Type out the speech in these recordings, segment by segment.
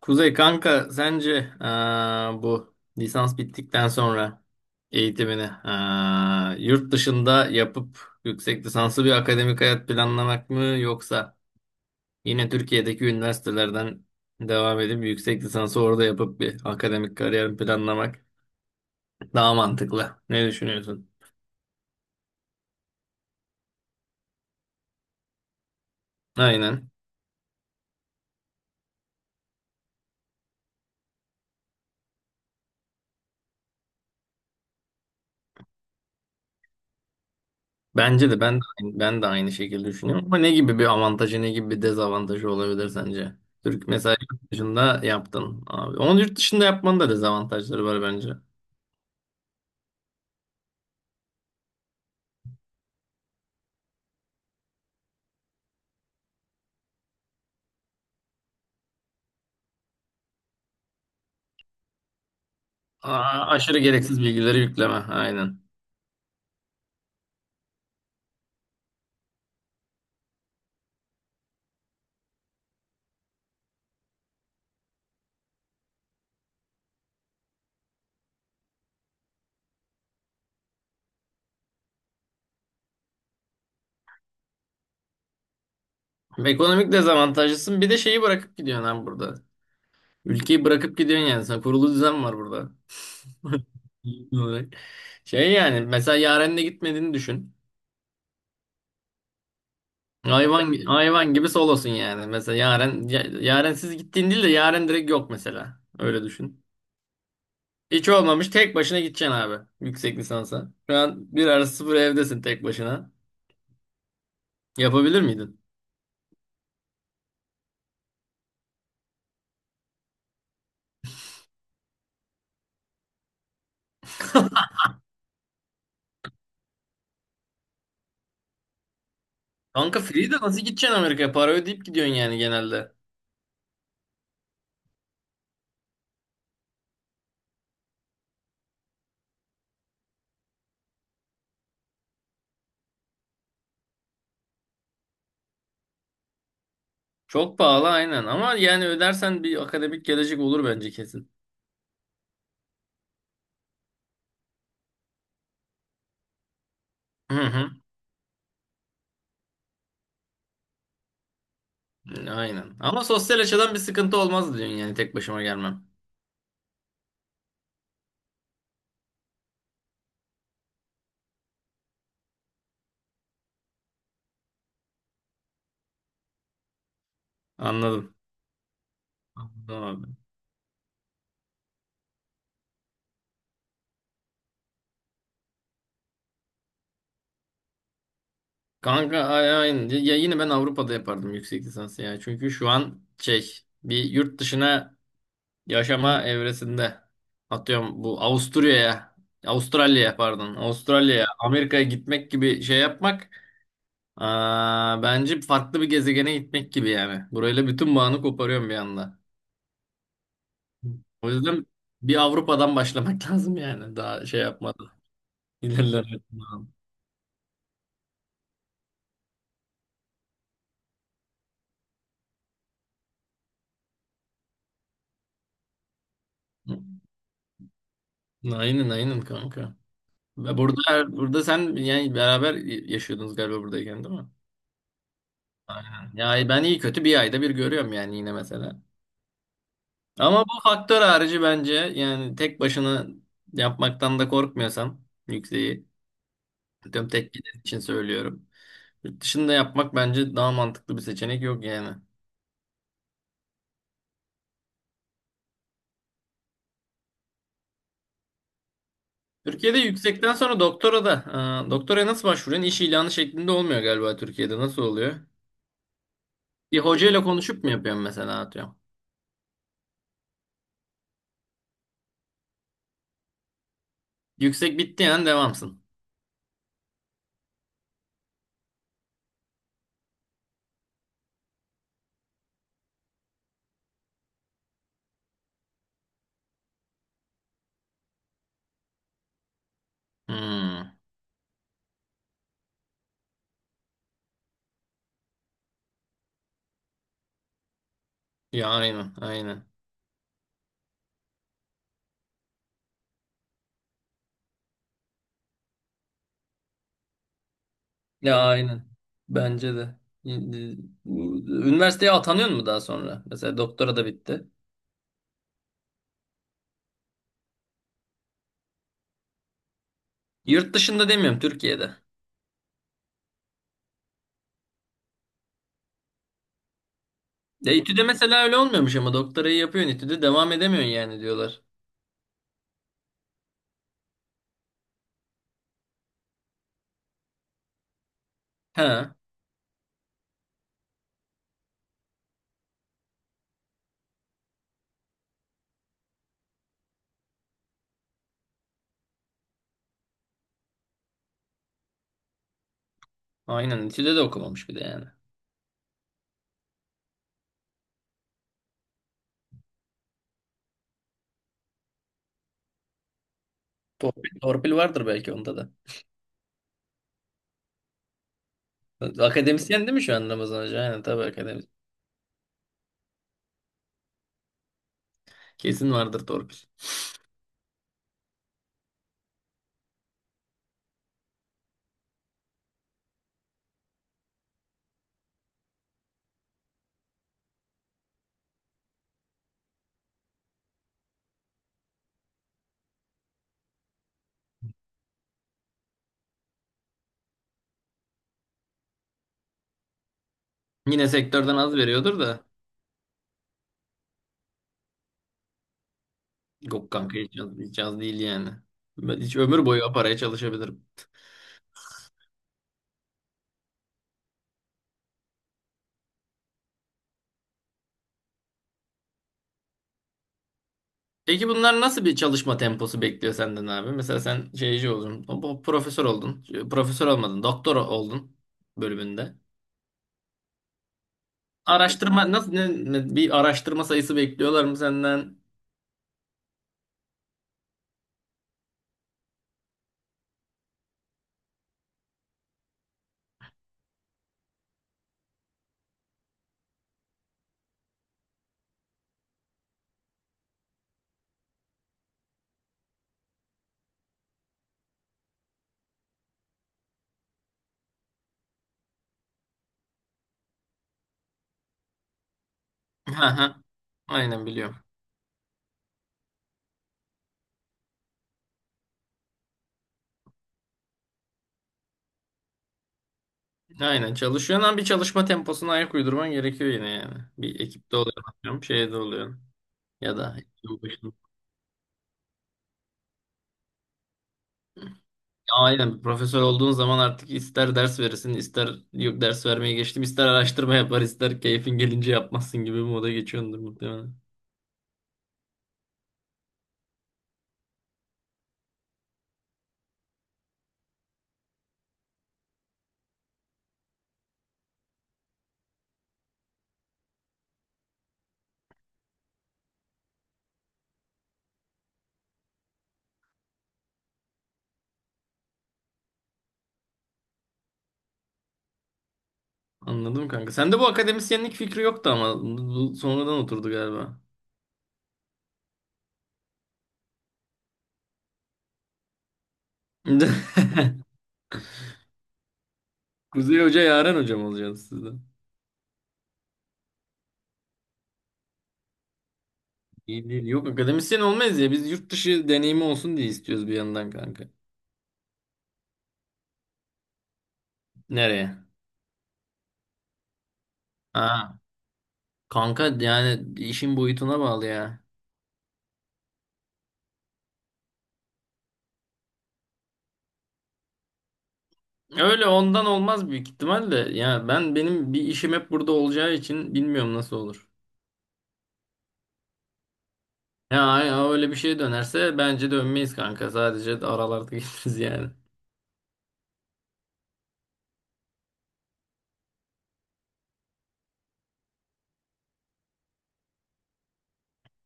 Kuzey kanka sence bu lisans bittikten sonra eğitimini yurt dışında yapıp yüksek lisanslı bir akademik hayat planlamak mı, yoksa yine Türkiye'deki üniversitelerden devam edip yüksek lisansı orada yapıp bir akademik kariyer planlamak daha mantıklı? Ne düşünüyorsun? Aynen. Bence de, ben de aynı şekilde düşünüyorum. Ama ne gibi bir avantajı, ne gibi bir dezavantajı olabilir sence? Türk mesela yurt dışında yaptın abi. Onun yurt dışında yapmanın da dezavantajları var bence. Aa, aşırı gereksiz bilgileri yükleme. Aynen. Ekonomik dezavantajlısın. Bir de şeyi bırakıp gidiyorsun abi burada. Ülkeyi bırakıp gidiyorsun yani. Sen, kurulu düzen var burada. Şey yani mesela Yaren'le gitmediğini düşün. Hayvan hayvan gibi solosun yani. Mesela yaren siz gittiğin değil de yaren direkt yok mesela. Öyle düşün. Hiç olmamış tek başına gideceksin abi yüksek lisansa. Şu an bir arası sıfır evdesin tek başına. Yapabilir miydin? Kanka free de nasıl gideceksin Amerika'ya? Para ödeyip gidiyorsun yani genelde. Çok pahalı aynen, ama yani ödersen bir akademik gelecek olur bence kesin. Hı hı. Aynen. Ama sosyal açıdan bir sıkıntı olmaz diyorsun yani tek başıma gelmem. Anladım. Anladım abi. Kanka aynen. Ya yine ben Avrupa'da yapardım yüksek lisansı ya. Çünkü şu an şey, bir yurt dışına yaşama evresinde. Atıyorum bu Avustralya'ya, Amerika'ya gitmek gibi şey yapmak, bence farklı bir gezegene gitmek gibi yani. Burayla bütün bağını koparıyorum bir anda. O yüzden bir Avrupa'dan başlamak lazım yani, daha şey yapmadan. İlerlemek lazım. Aynen aynen kanka. Ve burada sen yani beraber yaşıyordunuz galiba buradayken, değil mi? Aynen. Ya ben iyi kötü bir ayda bir görüyorum yani yine mesela. Ama bu faktör harici bence yani, tek başına yapmaktan da korkmuyorsan yükseği, tüm tek giden için söylüyorum. Yurt dışında yapmak bence daha mantıklı, bir seçenek yok yani. Türkiye'de yüksekten sonra doktora da doktoraya nasıl başvuruyorsun? İş ilanı şeklinde olmuyor galiba Türkiye'de. Nasıl oluyor? Bir hocayla konuşup mu yapıyorsun mesela, atıyorum? Yüksek bitti yani devamsın. Hmm. Ya aynen, aynen. Ya aynen. Bence de. Üniversiteye atanıyor mu daha sonra? Mesela doktora da bitti. Yurt dışında demiyorum, Türkiye'de. Ya İTÜ'de mesela öyle olmuyormuş, ama doktorayı yapıyorsun İTÜ'de, devam edemiyorsun yani diyorlar. He, aynen, İTÜ'de de okumamış bir de yani. Torpil vardır belki onda da. Akademisyen değil mi şu an Ramazan Hoca? Aynen tabii akademisyen. Kesin vardır torpil. Yine sektörden az veriyordur da. Yok kanka, hiç az değil yani. Ben hiç ömür boyu o paraya çalışabilirim. Peki bunlar nasıl bir çalışma temposu bekliyor senden abi? Mesela sen şeyci oldun, o profesör oldun, profesör olmadın, doktor oldun bölümünde. Araştırma nasıl, bir araştırma sayısı bekliyorlar mı senden? Ha ha. Aynen biliyorum. Aynen çalışıyorsun, ama bir çalışma temposuna ayak uydurman gerekiyor yine yani. Bir ekipte oluyor, atıyorum, şeyde oluyor ya da aynen, profesör olduğun zaman artık ister ders verirsin, ister yok ders vermeye geçtim, ister araştırma yapar, ister keyfin gelince yapmazsın gibi bir moda geçiyordur muhtemelen. Anladım kanka. Sende bu akademisyenlik fikri yoktu, ama bu sonradan oturdu galiba. Kuzey Hoca, Yaren Hocam olacaksınız sizden. İyi değil. Yok, akademisyen olmayız ya. Biz yurt dışı deneyimi olsun diye istiyoruz bir yandan kanka. Nereye? Ha. Kanka yani işin boyutuna bağlı ya. Öyle ondan olmaz büyük ihtimalle. Ya ben, benim bir işim hep burada olacağı için bilmiyorum nasıl olur. Ya ay- ay öyle bir şey dönerse bence dönmeyiz kanka. Sadece de aralarda geliriz yani.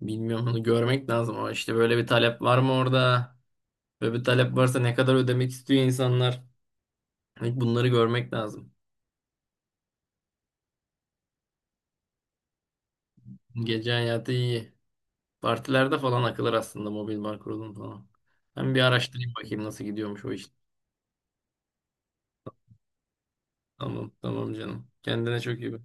Bilmiyorum, onu görmek lazım, ama işte böyle bir talep var mı orada? Böyle bir talep varsa, ne kadar ödemek istiyor insanlar? Hani bunları görmek lazım. Gece hayatı iyi. Partilerde falan akılır aslında, mobil bar kurulum falan. Ben bir araştırayım bakayım nasıl gidiyormuş o iş. Tamam tamam canım. Kendine çok iyi bak.